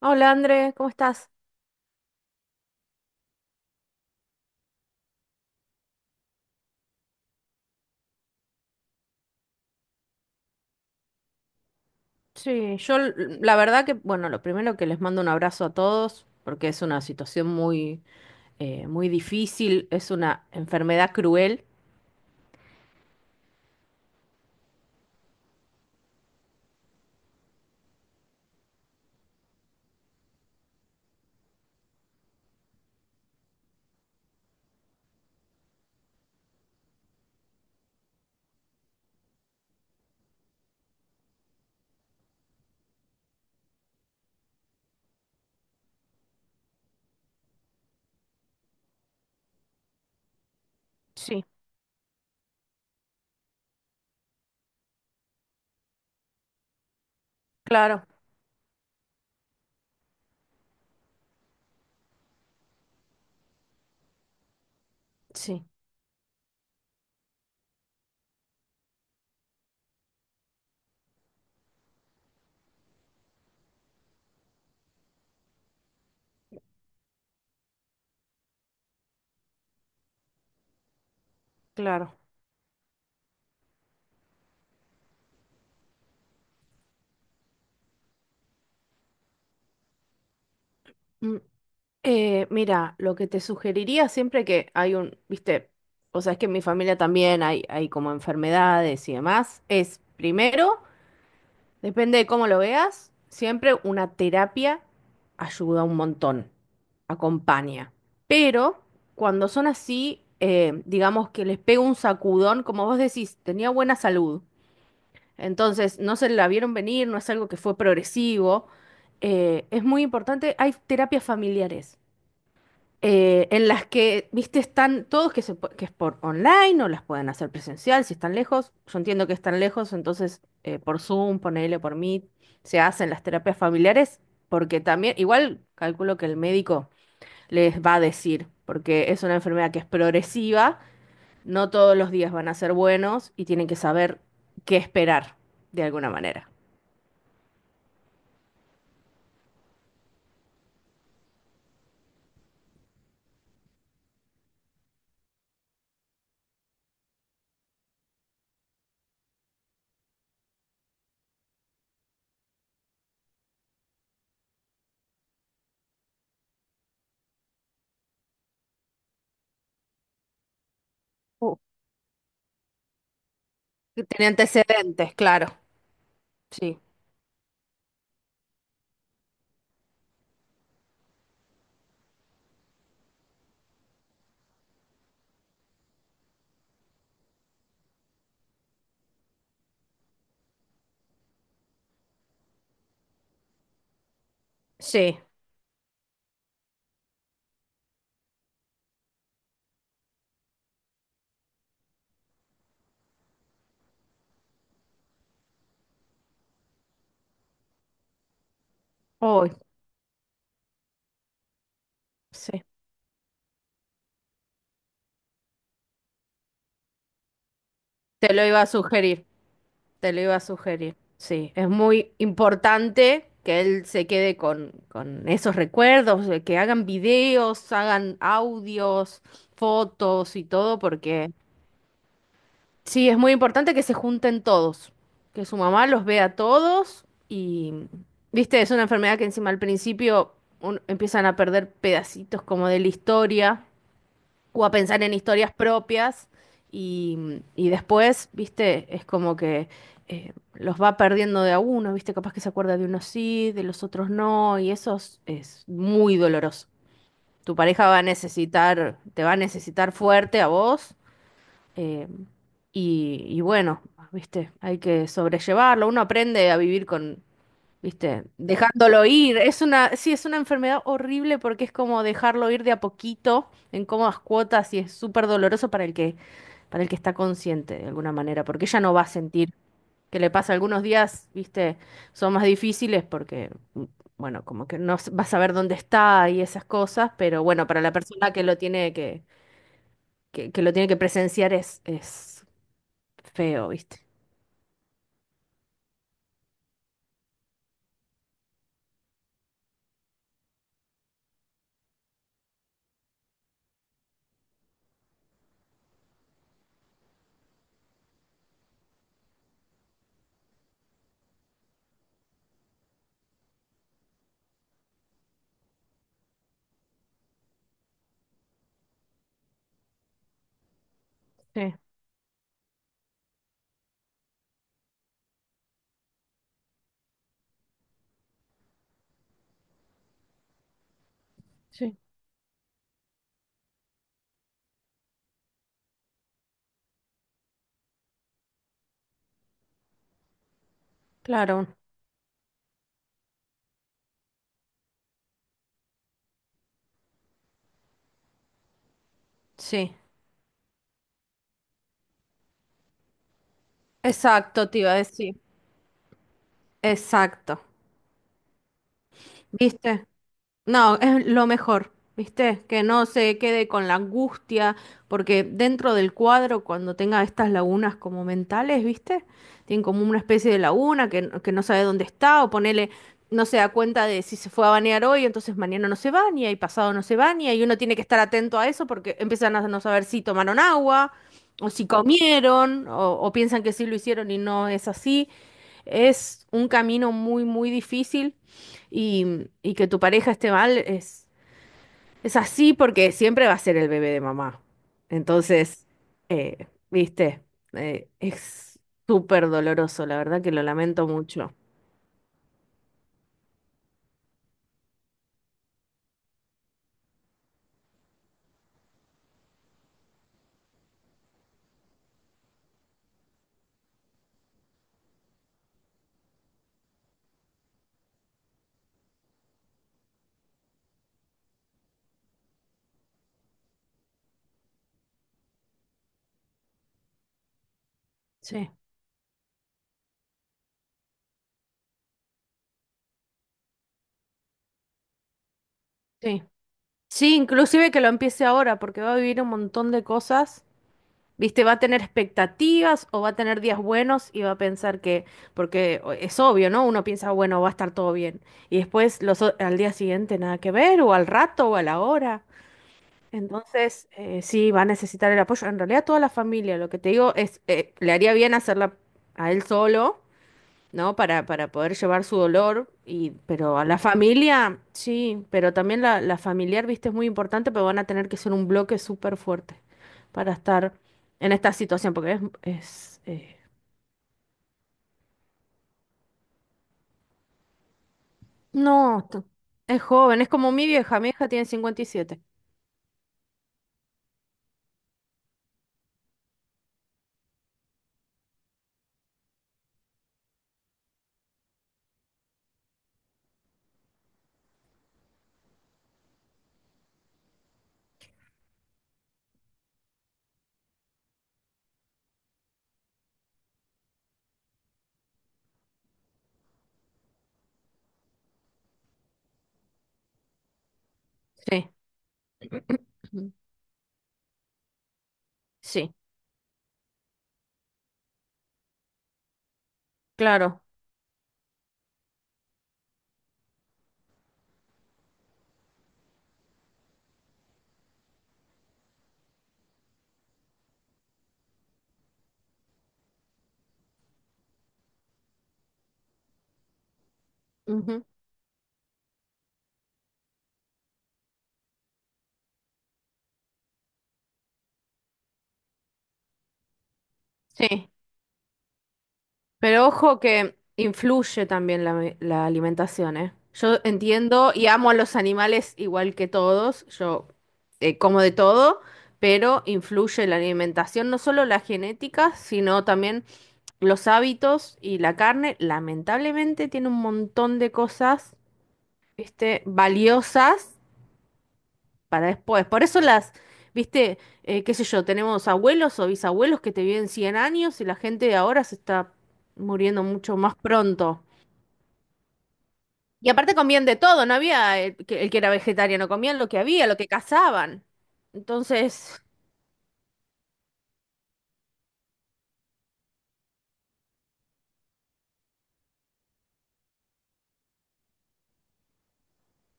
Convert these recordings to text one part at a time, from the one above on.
Hola André, ¿cómo estás? Sí, yo la verdad que, bueno, lo primero que les mando un abrazo a todos, porque es una situación muy, muy difícil, es una enfermedad cruel. Sí, claro, sí, claro. Mm, mira, lo que te sugeriría siempre que hay un, viste, o sea, es que en mi familia también hay como enfermedades y demás, es primero. Depende de cómo lo veas, siempre una terapia ayuda un montón, acompaña. Pero cuando son así, digamos que les pega un sacudón, como vos decís, tenía buena salud. Entonces, no se la vieron venir, no es algo que fue progresivo. Es muy importante, hay terapias familiares, en las que, viste, están todos que, que es por online o las pueden hacer presencial si están lejos. Yo entiendo que están lejos, entonces por Zoom, ponele por Meet, se hacen las terapias familiares, porque también, igual calculo que el médico les va a decir, porque es una enfermedad que es progresiva, no todos los días van a ser buenos y tienen que saber qué esperar de alguna manera. Uh, Que tiene antecedentes, claro. Sí, sí. Uy, sí. Te lo iba a sugerir. Te lo iba a sugerir. Sí, es muy importante que él se quede con esos recuerdos, de que hagan videos, hagan audios, fotos y todo, porque sí, es muy importante que se junten todos, que su mamá los vea a todos y, viste, es una enfermedad que encima al principio empiezan a perder pedacitos como de la historia o a pensar en historias propias y después, viste, es como que los va perdiendo de a uno, viste, capaz que se acuerda de unos sí, de los otros no, y eso es muy doloroso. Tu pareja va a necesitar, te va a necesitar fuerte a vos, eh, y bueno, viste, hay que sobrellevarlo, uno aprende a vivir con, ¿viste? Dejándolo ir. Es una, sí, es una enfermedad horrible porque es como dejarlo ir de a poquito, en cómodas cuotas, y es súper doloroso para el que está consciente de alguna manera, porque ella no va a sentir que le pasa algunos días, ¿viste? Son más difíciles porque, mm, bueno, como que no s- va a saber dónde está y esas cosas, pero bueno, para la persona que lo tiene que lo tiene que presenciar es feo, ¿viste? Sí, sí, claro, sí. Exacto, te iba a decir. Exacto. ¿Viste? No, es lo mejor, ¿viste? Que no se quede con la angustia, porque dentro del cuadro, cuando tenga estas lagunas como mentales, ¿viste? Tiene como una especie de laguna que, que no sabe dónde está, o ponele, no se da cuenta de si se fue a bañar hoy, entonces mañana no se baña y pasado no se baña, y uno tiene que estar atento a eso porque empiezan a no saber si tomaron agua, o si comieron, o piensan que sí lo hicieron y no es así. Es un camino muy, muy difícil y que tu pareja esté mal es así porque siempre va a ser el bebé de mamá. Entonces, viste, es súper doloroso, la verdad que lo lamento mucho. Sí, sí. Sí, inclusive que lo empiece ahora porque va a vivir un montón de cosas. ¿Viste? Va a tener expectativas o va a tener días buenos y va a pensar que, porque es obvio, ¿no? Uno piensa, bueno, va a estar todo bien. Y después los, al día siguiente nada que ver, o al rato, o a la hora. Entonces, sí, va a necesitar el apoyo. En realidad, toda la familia, lo que te digo es, le haría bien hacerla a él solo, ¿no? Para poder llevar su dolor, y, pero a la familia, sí, pero también la familiar, viste, es muy importante, pero van a tener que ser un bloque súper fuerte para estar en esta situación, porque es, es no, es joven, es como mi vieja, mi hija tiene 57. Sí, ujú, sí, claro, ujú, sí. Pero ojo que influye también la alimentación, ¿eh? Yo entiendo y amo a los animales igual que todos, yo como de todo, pero influye la alimentación, no solo la genética, sino también los hábitos y la carne, lamentablemente tiene un montón de cosas, ¿viste? Valiosas para después. Por eso las, ¿viste? Qué sé yo, tenemos abuelos o bisabuelos que te viven 100 años y la gente de ahora se está muriendo mucho más pronto. Y aparte comían de todo, no había el que era vegetariano, comían lo que había, lo que cazaban. Entonces,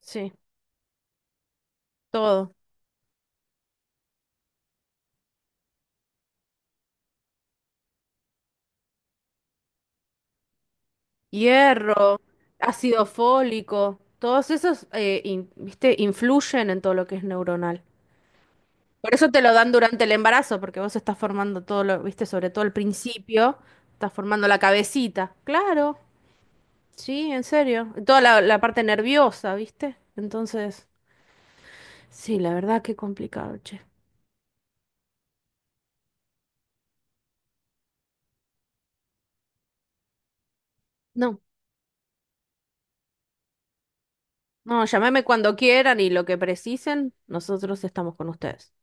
sí, todo. Hierro, ácido fólico, todos esos, viste, influyen en todo lo que es neuronal. Por eso te lo dan durante el embarazo, porque vos estás formando todo lo, viste, sobre todo al principio, estás formando la cabecita. Claro, sí, en serio. Toda la, la parte nerviosa, viste. Entonces, sí, la verdad que complicado, che. No. No, llámeme cuando quieran y lo que precisen, nosotros estamos con ustedes.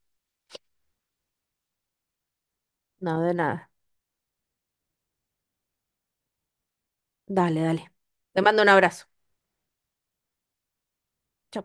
No, de nada. Dale, dale. Te mando un abrazo. Chau.